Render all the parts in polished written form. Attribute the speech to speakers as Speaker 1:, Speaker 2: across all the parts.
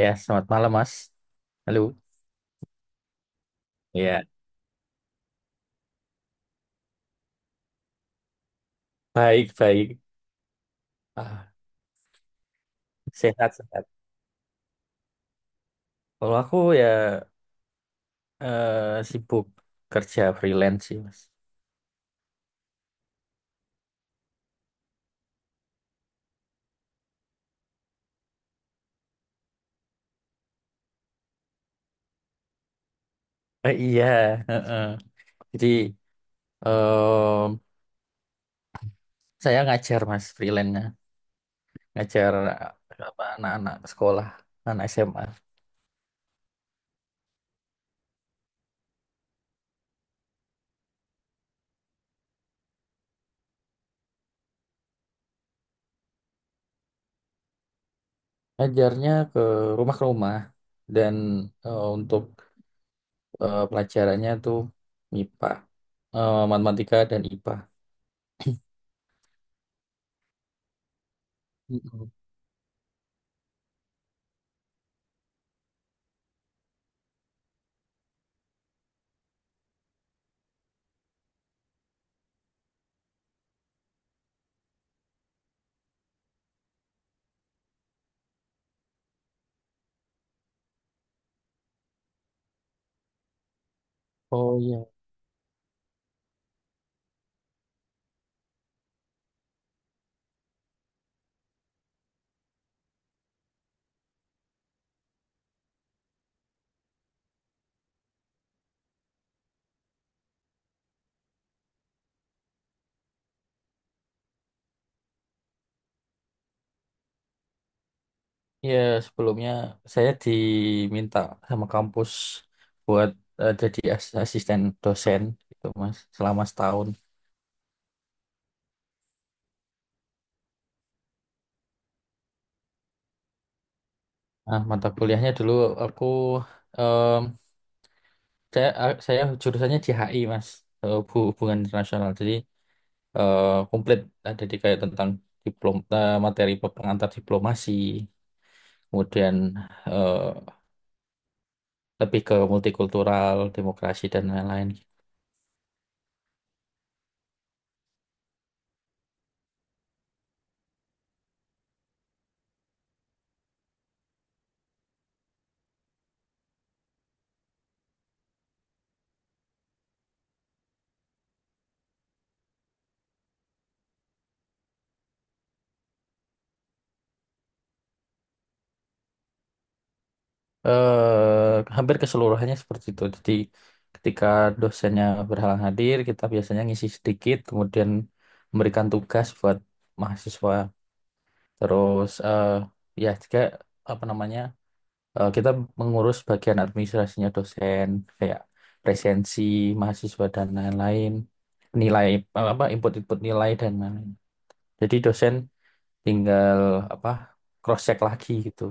Speaker 1: Ya, selamat malam, Mas. Halo. Ya, baik, baik. Ah, sehat, sehat. Kalau aku ya sibuk kerja freelance sih, Mas. Iya, heeh. Jadi em, saya ngajar, Mas, freelance-nya. Ngajar apa, anak-anak sekolah, anak SMA. Ngajarnya ke rumah dan untuk pelajarannya tuh MIPA, matematika dan IPA. Mm-mm. Oh iya. Ya, sebelumnya saya diminta sama kampus buat jadi asisten dosen gitu, Mas, selama setahun. Nah, mata kuliahnya dulu aku em, saya a- saya jurusannya di HI, Mas, Hubungan Internasional. Jadi eh, komplit ada di kayak tentang materi pengantar diplomasi, kemudian eh, lebih ke multikultural, demokrasi dan lain-lain. Hampir keseluruhannya seperti itu. Jadi ketika dosennya berhalang hadir, kita biasanya ngisi sedikit, kemudian memberikan tugas buat mahasiswa. Terus ya juga apa namanya, kita mengurus bagian administrasinya dosen kayak presensi mahasiswa dan lain-lain, nilai, apa input-input nilai dan lain-lain. Jadi dosen tinggal apa, cross check lagi gitu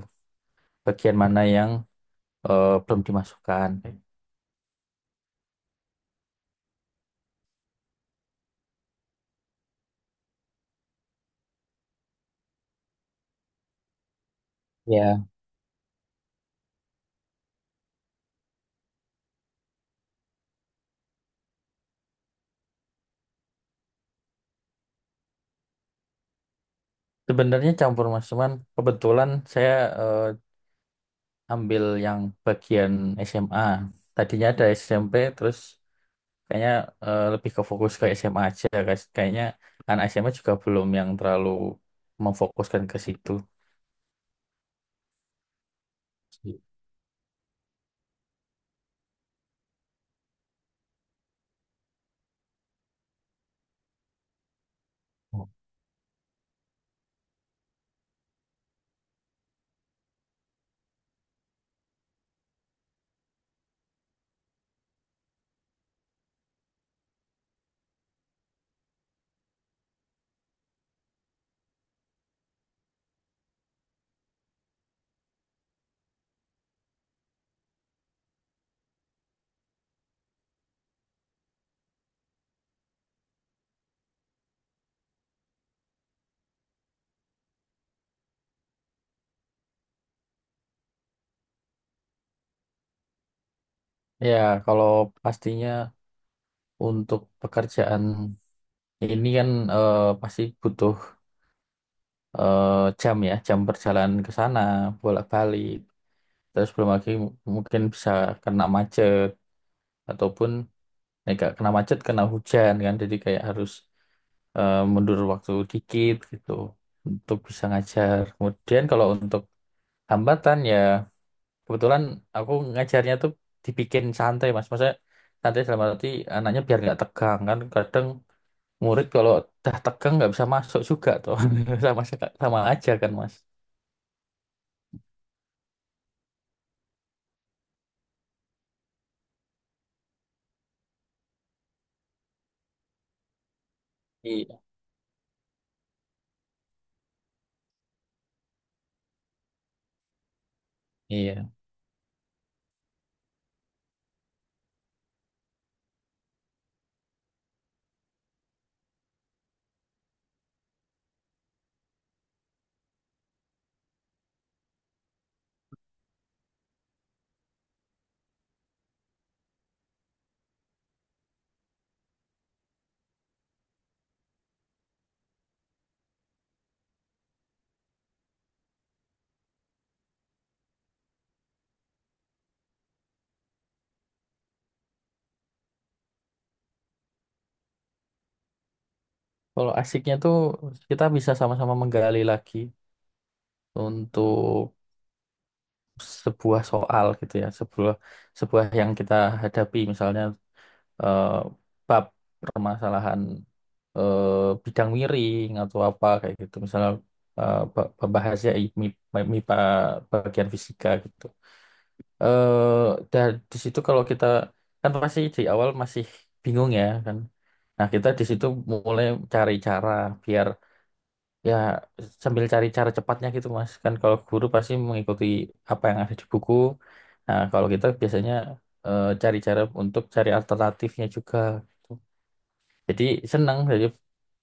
Speaker 1: bagian mana yang belum dimasukkan. Ya. Sebenarnya campur mas, cuman kebetulan saya eh, ambil yang bagian SMA. Tadinya ada SMP, terus kayaknya lebih ke fokus ke SMA aja, guys. Kayaknya anak SMA juga belum yang terlalu memfokuskan ke situ. Gitu. Ya, kalau pastinya untuk pekerjaan ini kan pasti butuh eh, jam ya, jam perjalanan ke sana, bolak-balik. Terus belum lagi mungkin bisa kena macet ataupun kayak nggak kena macet kena hujan kan jadi kayak harus mundur waktu dikit gitu untuk bisa ngajar. Kemudian kalau untuk hambatan ya, kebetulan aku ngajarnya tuh dibikin santai mas, maksudnya santai dalam arti anaknya biar nggak tegang kan. Kadang murid kalau dah tegang nggak bisa masuk juga tuh. sama sama aja kan mas. Iya. Iya. Kalau asiknya tuh kita bisa sama-sama menggali lagi untuk sebuah soal gitu ya, sebuah sebuah yang kita hadapi. Misalnya eh, bab permasalahan bidang miring atau apa kayak gitu, misalnya membahasnya MIPA bagian fisika gitu. Eh dan di situ kalau kita, kan pasti di awal masih bingung ya kan. Nah, kita di situ mulai cari cara biar, ya, sambil cari cara cepatnya gitu, Mas. Kan kalau guru pasti mengikuti apa yang ada di buku. Nah, kalau kita biasanya cari cara untuk cari alternatifnya juga. Gitu. Jadi senang jadi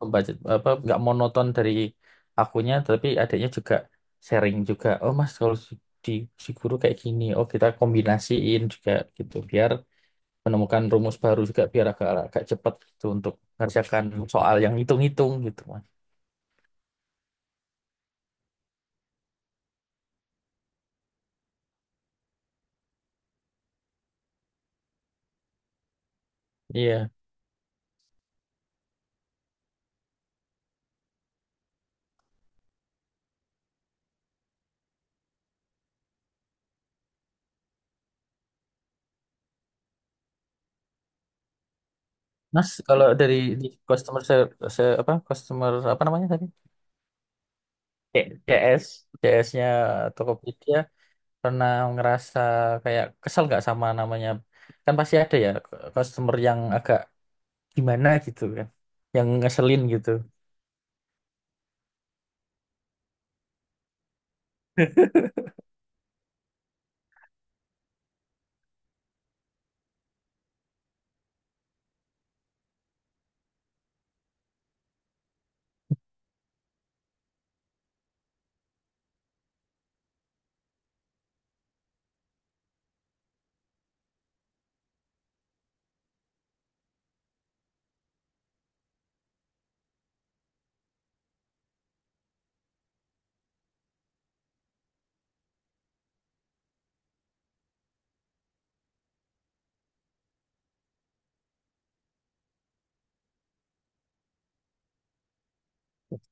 Speaker 1: pembaca apa nggak monoton dari akunya, tapi adanya juga sharing juga. Oh, Mas, kalau di si guru kayak gini, oh kita kombinasiin juga gitu biar menemukan rumus baru juga biar agak agak cepat gitu untuk mengerjakan soal yang hitung-hitung gitu, Mas. Iya. Mas, kalau dari di apa customer apa namanya tadi? CS, S nya Tokopedia, pernah ngerasa kayak kesel nggak sama namanya? Kan pasti ada ya customer yang agak gimana gitu kan, yang ngeselin gitu.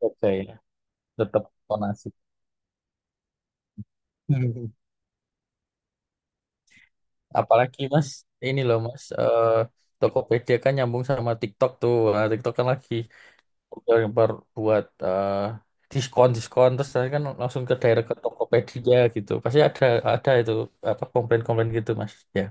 Speaker 1: Oke, tetap tonasi. Hmm. Apalagi Mas, ini loh Mas, Tokopedia kan nyambung sama TikTok tuh. Nah, TikTok kan lagi udah nyebar buat diskon-diskon, terus saya kan langsung ke daerah ke Tokopedia gitu. Pasti ada itu apa komplain-komplain gitu Mas. Ya.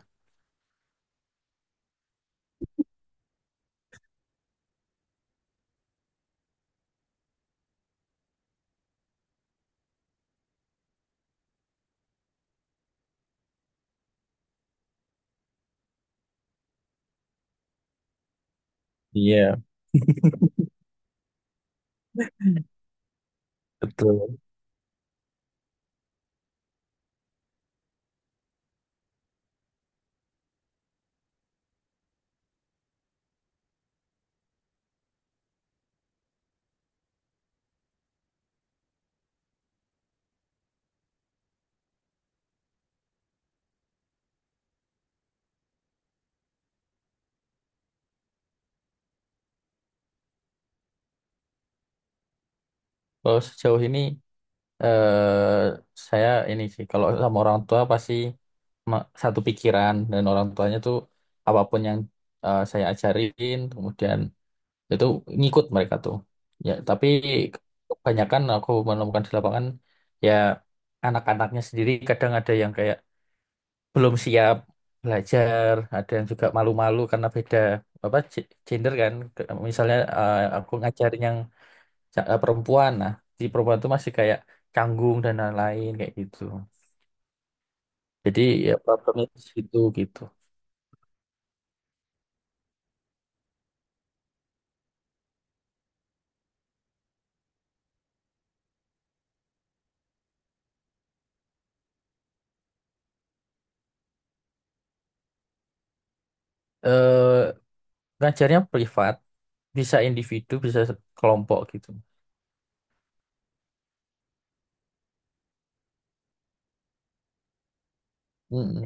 Speaker 1: Iya, betul. Kalau sejauh ini eh saya ini sih kalau sama orang tua pasti satu pikiran dan orang tuanya tuh apapun yang saya ajarin kemudian itu ngikut mereka tuh. Ya, tapi kebanyakan aku menemukan di lapangan ya anak-anaknya sendiri kadang ada yang kayak belum siap belajar, ada yang juga malu-malu karena beda apa gender kan. Misalnya aku ngajarin yang perempuan, nah si perempuan itu masih kayak canggung dan lain-lain kayak gitu. Jadi ya problemnya di situ gitu. Eh Ngajarnya privat, bisa individu, bisa kelompok gitu. Mm-mm.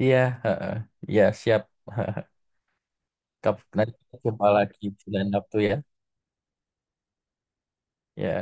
Speaker 1: Iya, heeh. Iya siap. Nanti jumpa lagi di lain waktu ya. Ya.